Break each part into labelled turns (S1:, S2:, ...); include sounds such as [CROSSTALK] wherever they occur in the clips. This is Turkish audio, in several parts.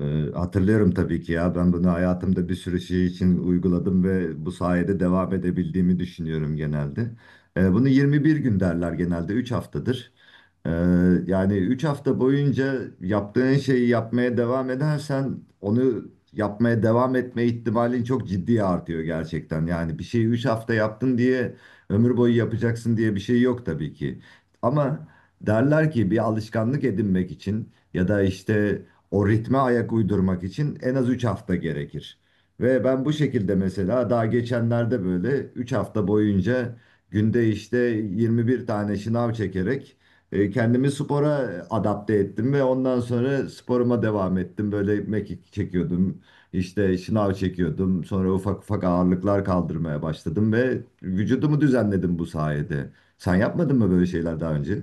S1: Hatırlıyorum tabii ki ya, ben bunu hayatımda bir sürü şey için uyguladım ve bu sayede devam edebildiğimi düşünüyorum genelde. Bunu 21 gün derler, genelde 3 haftadır. Ee, Yani 3 hafta boyunca yaptığın şeyi yapmaya devam edersen onu yapmaya devam etme ihtimalin çok ciddi artıyor gerçekten. Yani bir şeyi 3 hafta yaptın diye ömür boyu yapacaksın diye bir şey yok tabii ki. Ama derler ki bir alışkanlık edinmek için ya da işte o ritme ayak uydurmak için en az 3 hafta gerekir. Ve ben bu şekilde mesela daha geçenlerde böyle 3 hafta boyunca günde işte 21 tane şınav çekerek kendimi spora adapte ettim ve ondan sonra sporuma devam ettim. Böyle mekik çekiyordum, işte şınav çekiyordum. Sonra ufak ufak ağırlıklar kaldırmaya başladım ve vücudumu düzenledim bu sayede. Sen yapmadın mı böyle şeyler daha önce?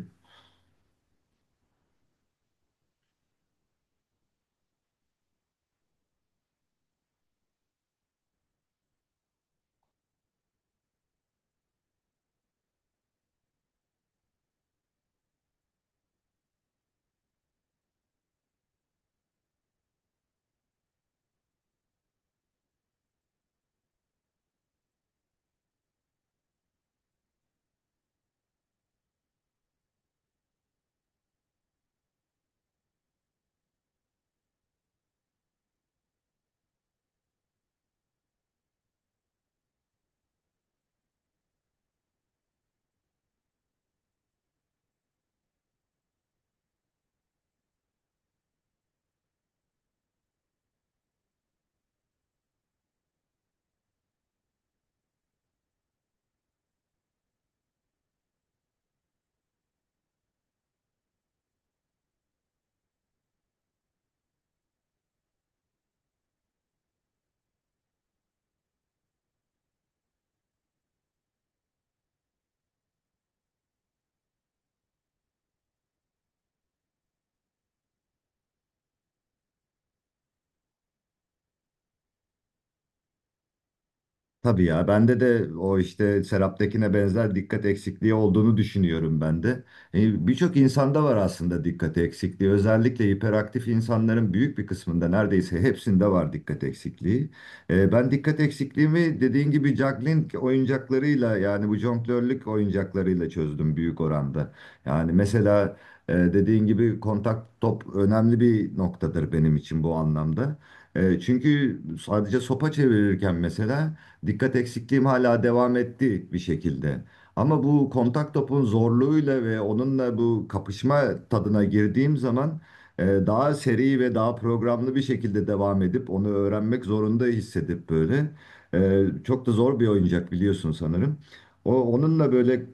S1: Tabii ya, bende de o işte Serap'takine benzer dikkat eksikliği olduğunu düşünüyorum ben de. Birçok insanda var aslında dikkat eksikliği. Özellikle hiperaktif insanların büyük bir kısmında, neredeyse hepsinde var dikkat eksikliği. Ben dikkat eksikliğimi dediğin gibi juggling oyuncaklarıyla, yani bu jonglörlük oyuncaklarıyla çözdüm büyük oranda. Yani mesela dediğin gibi kontak top önemli bir noktadır benim için bu anlamda. Çünkü sadece sopa çevirirken mesela dikkat eksikliğim hala devam etti bir şekilde. Ama bu kontak topun zorluğuyla ve onunla bu kapışma tadına girdiğim zaman daha seri ve daha programlı bir şekilde devam edip onu öğrenmek zorunda hissedip böyle. Çok da zor bir oyuncak biliyorsun sanırım. O, onunla böyle,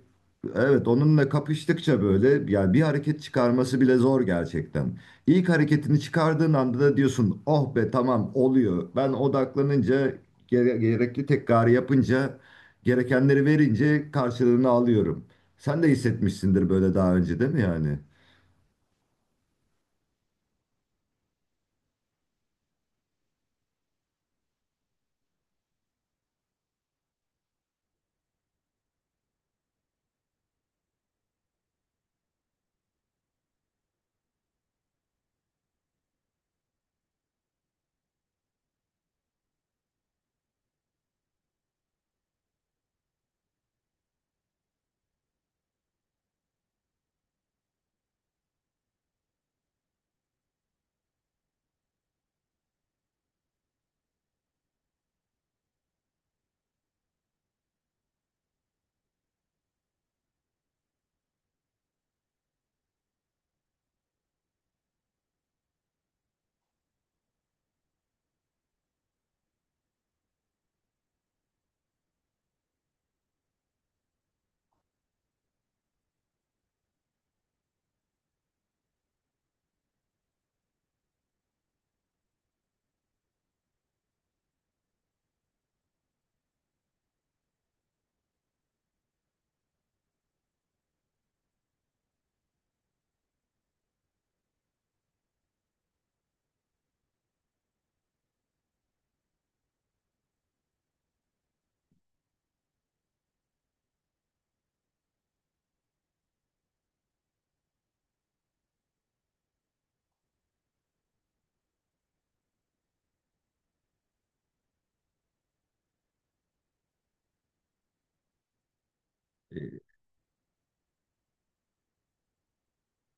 S1: evet, onunla kapıştıkça böyle, yani bir hareket çıkarması bile zor gerçekten. İlk hareketini çıkardığın anda da diyorsun oh be, tamam oluyor. Ben odaklanınca, gerekli tekrarı yapınca, gerekenleri verince karşılığını alıyorum. Sen de hissetmişsindir böyle daha önce, değil mi yani?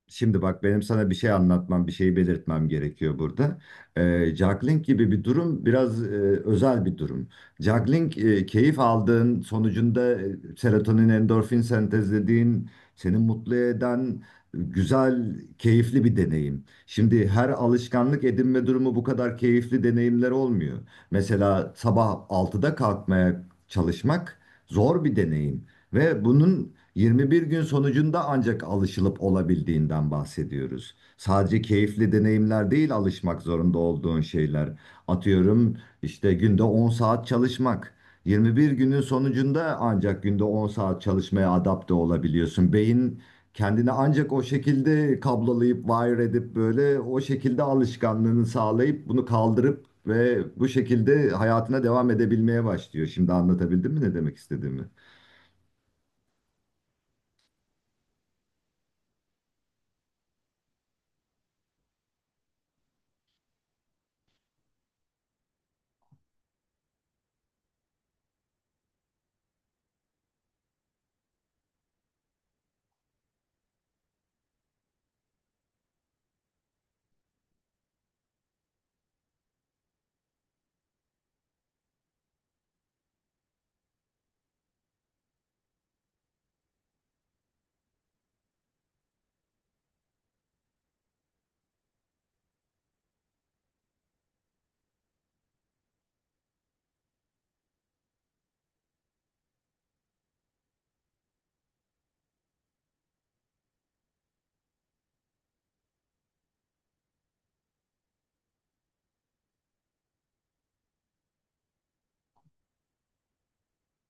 S1: Şimdi bak, benim sana bir şey anlatmam, bir şey belirtmem gerekiyor burada. Juggling gibi bir durum biraz özel bir durum. Juggling, keyif aldığın sonucunda serotonin, endorfin sentezlediğin, seni mutlu eden güzel, keyifli bir deneyim. Şimdi her alışkanlık edinme durumu bu kadar keyifli deneyimler olmuyor. Mesela sabah altıda kalkmaya çalışmak zor bir deneyim. Ve bunun 21 gün sonucunda ancak alışılıp olabildiğinden bahsediyoruz. Sadece keyifli deneyimler değil, alışmak zorunda olduğun şeyler. Atıyorum, işte günde 10 saat çalışmak. 21 günün sonucunda ancak günde 10 saat çalışmaya adapte olabiliyorsun. Beyin kendini ancak o şekilde kablolayıp wire edip böyle o şekilde alışkanlığını sağlayıp bunu kaldırıp ve bu şekilde hayatına devam edebilmeye başlıyor. Şimdi anlatabildim mi ne demek istediğimi?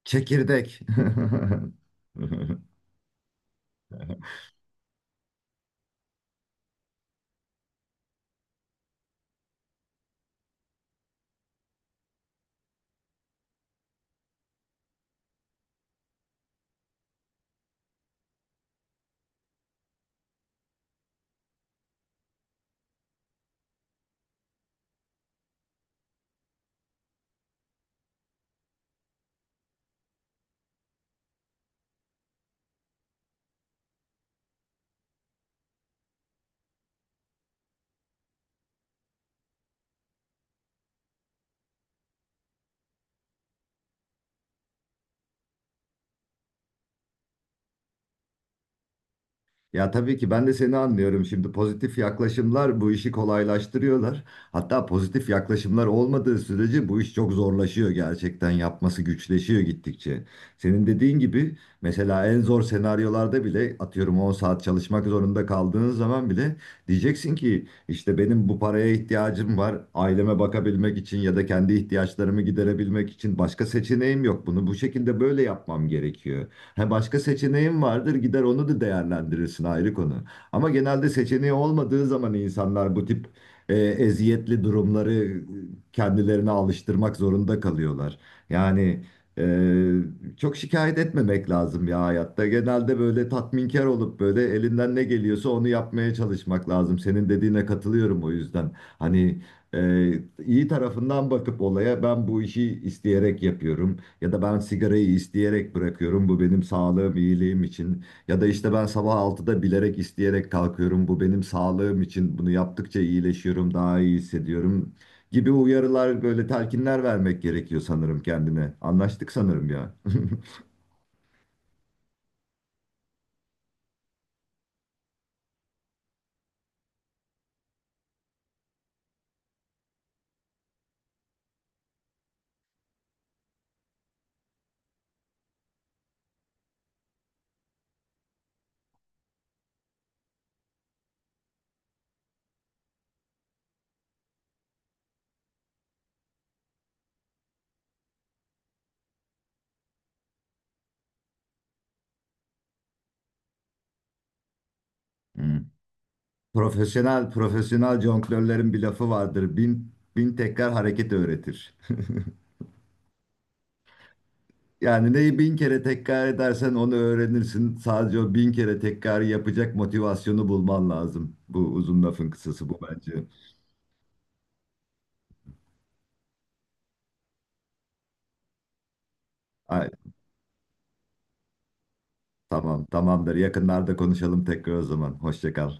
S1: Çekirdek. [LAUGHS] Ya tabii ki ben de seni anlıyorum. Şimdi pozitif yaklaşımlar bu işi kolaylaştırıyorlar. Hatta pozitif yaklaşımlar olmadığı sürece bu iş çok zorlaşıyor gerçekten. Yapması güçleşiyor gittikçe. Senin dediğin gibi mesela en zor senaryolarda bile, atıyorum 10 saat çalışmak zorunda kaldığın zaman bile, diyeceksin ki işte benim bu paraya ihtiyacım var. Aileme bakabilmek için ya da kendi ihtiyaçlarımı giderebilmek için başka seçeneğim yok. Bunu bu şekilde böyle yapmam gerekiyor. Ha, başka seçeneğin vardır, gider onu da değerlendirirsin, ayrı konu. Ama genelde seçeneği olmadığı zaman insanlar bu tip eziyetli durumları kendilerine alıştırmak zorunda kalıyorlar. Yani e, çok şikayet etmemek lazım ya hayatta. Genelde böyle tatminkar olup böyle elinden ne geliyorsa onu yapmaya çalışmak lazım. Senin dediğine katılıyorum o yüzden. Hani e, iyi tarafından bakıp olaya, ben bu işi isteyerek yapıyorum. Ya da ben sigarayı isteyerek bırakıyorum. Bu benim sağlığım, iyiliğim için. Ya da işte ben sabah altıda bilerek, isteyerek kalkıyorum. Bu benim sağlığım için. Bunu yaptıkça iyileşiyorum, daha iyi hissediyorum gibi uyarılar, böyle telkinler vermek gerekiyor sanırım kendine. Anlaştık sanırım ya. [LAUGHS] Hmm. Profesyonel profesyonel jonglörlerin bir lafı vardır. Bin bin tekrar hareket öğretir. Yani neyi bin kere tekrar edersen onu öğrenirsin. Sadece o bin kere tekrar yapacak motivasyonu bulman lazım. Bu, uzun lafın kısası, bu bence. Ay, tamam, tamamdır. Yakınlarda konuşalım tekrar o zaman. Hoşça kal.